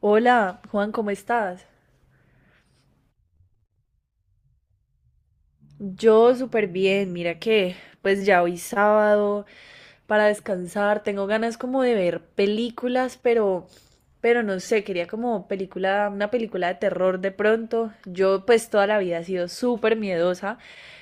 Hola, Juan, ¿cómo estás? Yo súper bien, mira que pues ya hoy sábado para descansar, tengo ganas como de ver películas, pero no sé, una película de terror de pronto. Yo pues toda la vida he sido súper miedosa,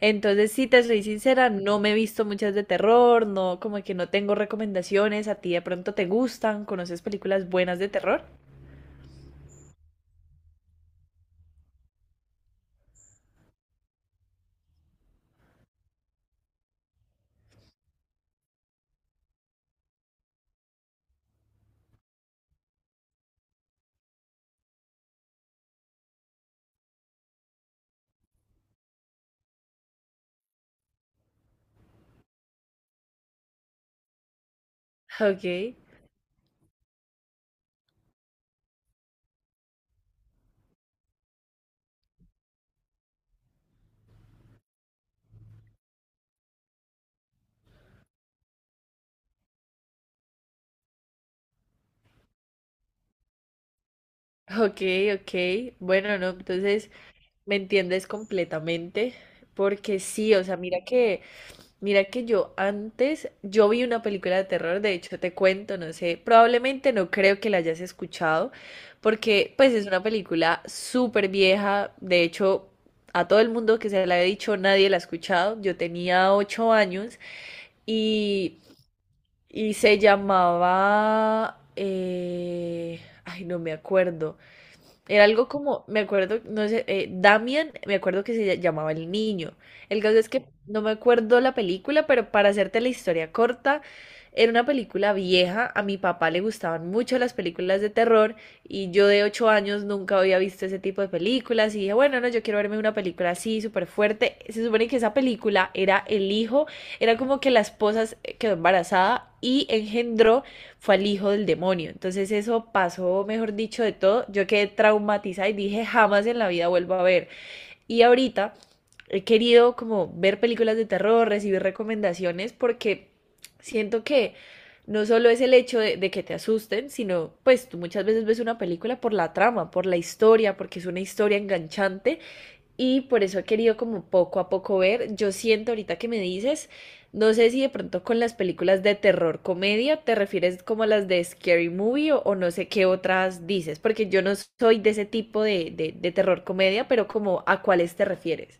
entonces si te soy sincera, no me he visto muchas de terror, no, como que no tengo recomendaciones. A ti de pronto te gustan, ¿conoces películas buenas de terror? Ok, ok, ok. Bueno, no, entonces me entiendes completamente, porque sí, o sea, mira que yo antes, yo vi una película de terror. De hecho te cuento, no sé, probablemente no creo que la hayas escuchado, porque pues es una película súper vieja. De hecho, a todo el mundo que se la había dicho nadie la ha escuchado. Yo tenía ocho años y, y se llamaba, ay, no me acuerdo. Era algo como, me acuerdo, no sé, Damian, me acuerdo que se llamaba el niño. El caso es que no me acuerdo la película, pero para hacerte la historia corta, era una película vieja. A mi papá le gustaban mucho las películas de terror, y yo de 8 años nunca había visto ese tipo de películas y dije, bueno, no, yo quiero verme una película así, súper fuerte. Se supone que esa película era el hijo, era como que la esposa quedó embarazada y engendró, fue al hijo del demonio. Entonces eso pasó, mejor dicho, de todo. Yo quedé traumatizada y dije, jamás en la vida vuelvo a ver. Y ahorita he querido como ver películas de terror, recibir recomendaciones, porque siento que no solo es el hecho que te asusten, sino pues tú muchas veces ves una película por la trama, por la historia, porque es una historia enganchante, y por eso he querido como poco a poco ver. Yo siento ahorita que me dices, no sé si de pronto con las películas de terror comedia te refieres como a las de Scary Movie, o no sé qué otras dices, porque yo no soy de ese tipo de terror comedia, pero como a cuáles te refieres.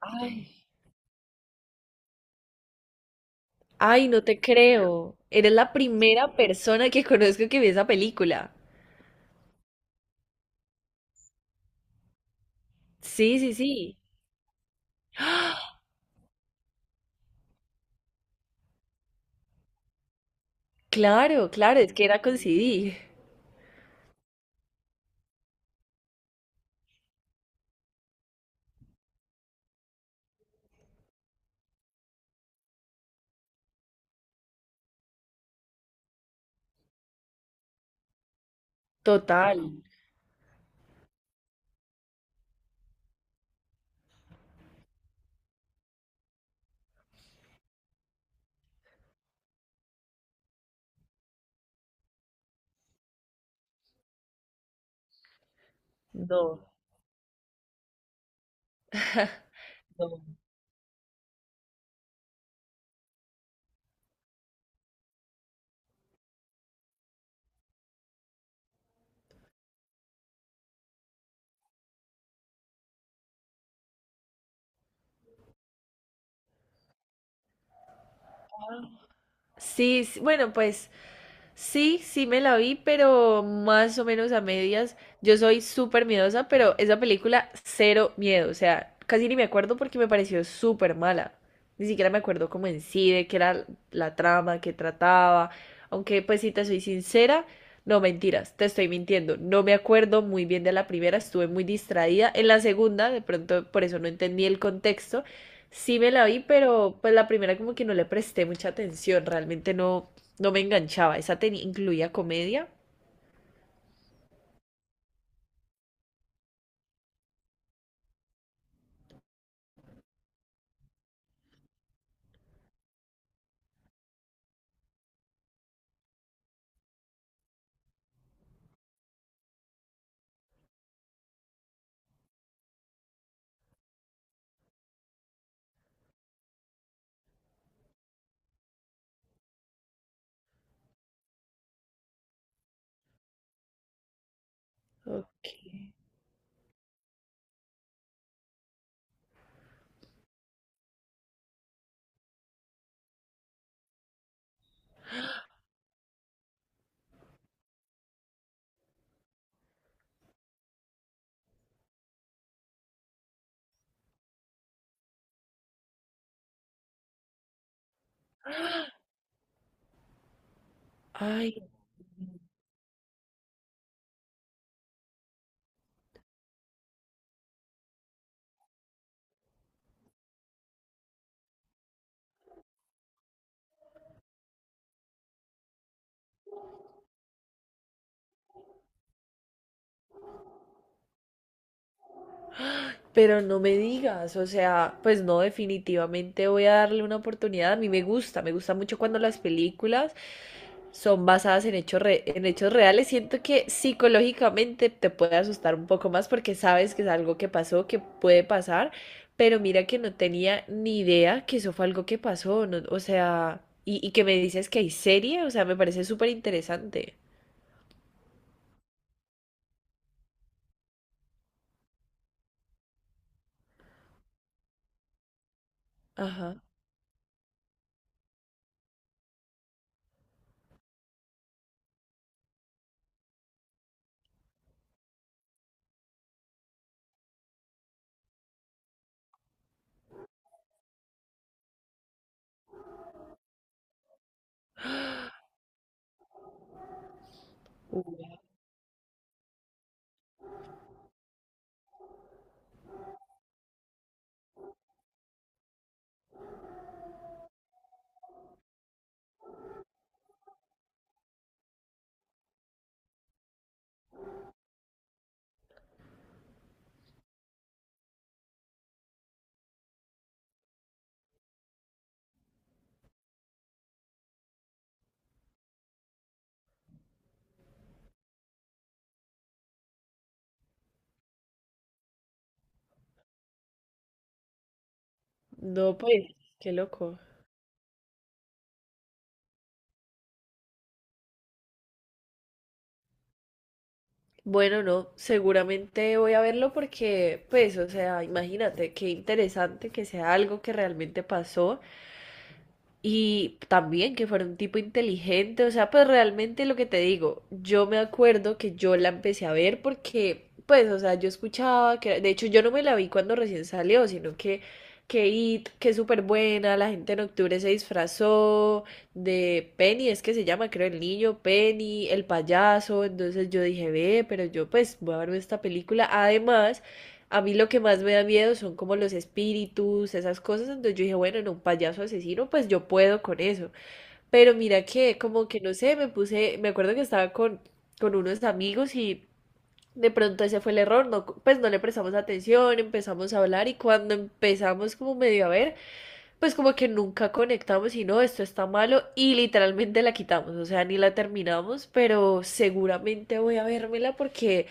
Ay. Ay, no te creo. Eres la primera persona que conozco que vi esa película. Sí, sí, sí. Claro, claro, es que era con CD. Total. No. No. Sí, sí, bueno, pues sí, sí me la vi, pero más o menos a medias. Yo soy súper miedosa, pero esa película cero miedo. O sea, casi ni me acuerdo porque me pareció súper mala. Ni siquiera me acuerdo cómo en sí, de qué era la trama, qué trataba. Aunque, pues, si te soy sincera, no, mentiras, te estoy mintiendo. No me acuerdo muy bien de la primera, estuve muy distraída. En la segunda, de pronto, por eso no entendí el contexto. Sí me la vi, pero pues la primera como que no le presté mucha atención, realmente no, no me enganchaba. Esa tenía, incluía comedia. Ok. Ay, pero no me digas, o sea, pues no, definitivamente voy a darle una oportunidad. A mí me gusta mucho cuando las películas son basadas en hechos en hechos reales. Siento que psicológicamente te puede asustar un poco más porque sabes que es algo que pasó, que puede pasar, pero mira que no tenía ni idea que eso fue algo que pasó, no, o sea, y que me dices que hay serie, o sea, me parece súper interesante. Ajá. No, pues, qué loco. Bueno, no, seguramente voy a verlo porque, pues, o sea, imagínate, qué interesante que sea algo que realmente pasó. Y también que fuera un tipo inteligente, o sea, pues realmente lo que te digo, yo me acuerdo que yo la empecé a ver porque, pues, o sea, yo escuchaba que, de hecho, yo no me la vi cuando recién salió, sino que It, que es súper buena. La gente en octubre se disfrazó de Penny, es que se llama, creo, el niño, Penny, el payaso. Entonces yo dije, ve, pero yo, pues, voy a verme esta película, además… A mí lo que más me da miedo son como los espíritus, esas cosas. Entonces yo dije, bueno, en un payaso asesino, pues yo puedo con eso. Pero mira que, como que no sé, me puse, me acuerdo que estaba con unos amigos y de pronto ese fue el error. No, pues no le prestamos atención, empezamos a hablar y cuando empezamos como medio a ver, pues como que nunca conectamos y no, esto está malo y literalmente la quitamos. O sea, ni la terminamos, pero seguramente voy a vérmela porque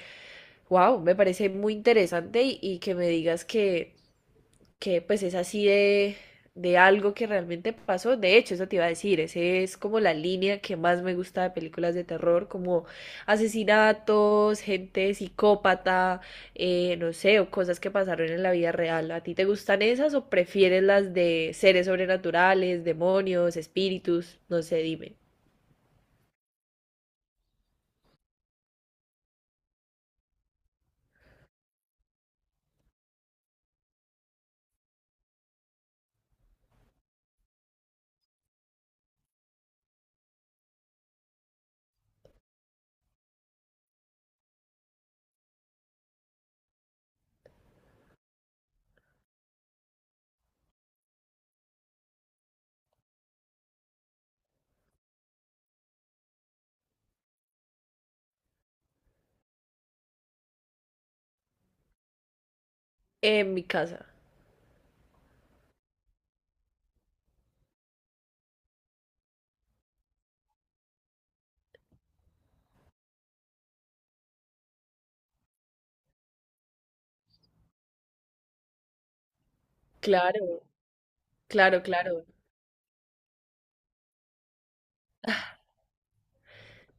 wow, me parece muy interesante y que me digas que pues es así de algo que realmente pasó. De hecho, eso te iba a decir, esa es como la línea que más me gusta de películas de terror, como asesinatos, gente psicópata, no sé, o cosas que pasaron en la vida real. ¿A ti te gustan esas o prefieres las de seres sobrenaturales, demonios, espíritus? No sé, dime. En mi casa. Claro, claro, claro.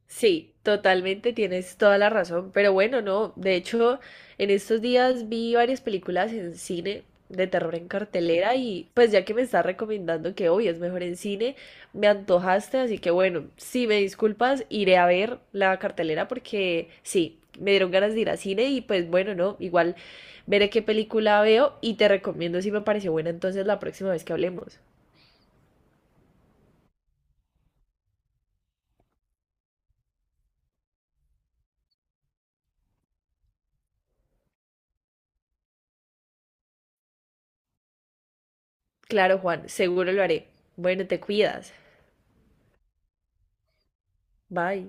Sí, totalmente, tienes toda la razón. Pero bueno, no, de hecho, en estos días vi varias películas en cine de terror en cartelera y pues ya que me estás recomendando que hoy es mejor en cine, me antojaste, así que bueno, si me disculpas, iré a ver la cartelera porque sí, me dieron ganas de ir a cine y pues bueno, no, igual veré qué película veo y te recomiendo si me pareció buena entonces la próxima vez que hablemos. Claro, Juan, seguro lo haré. Bueno, te cuidas. Bye.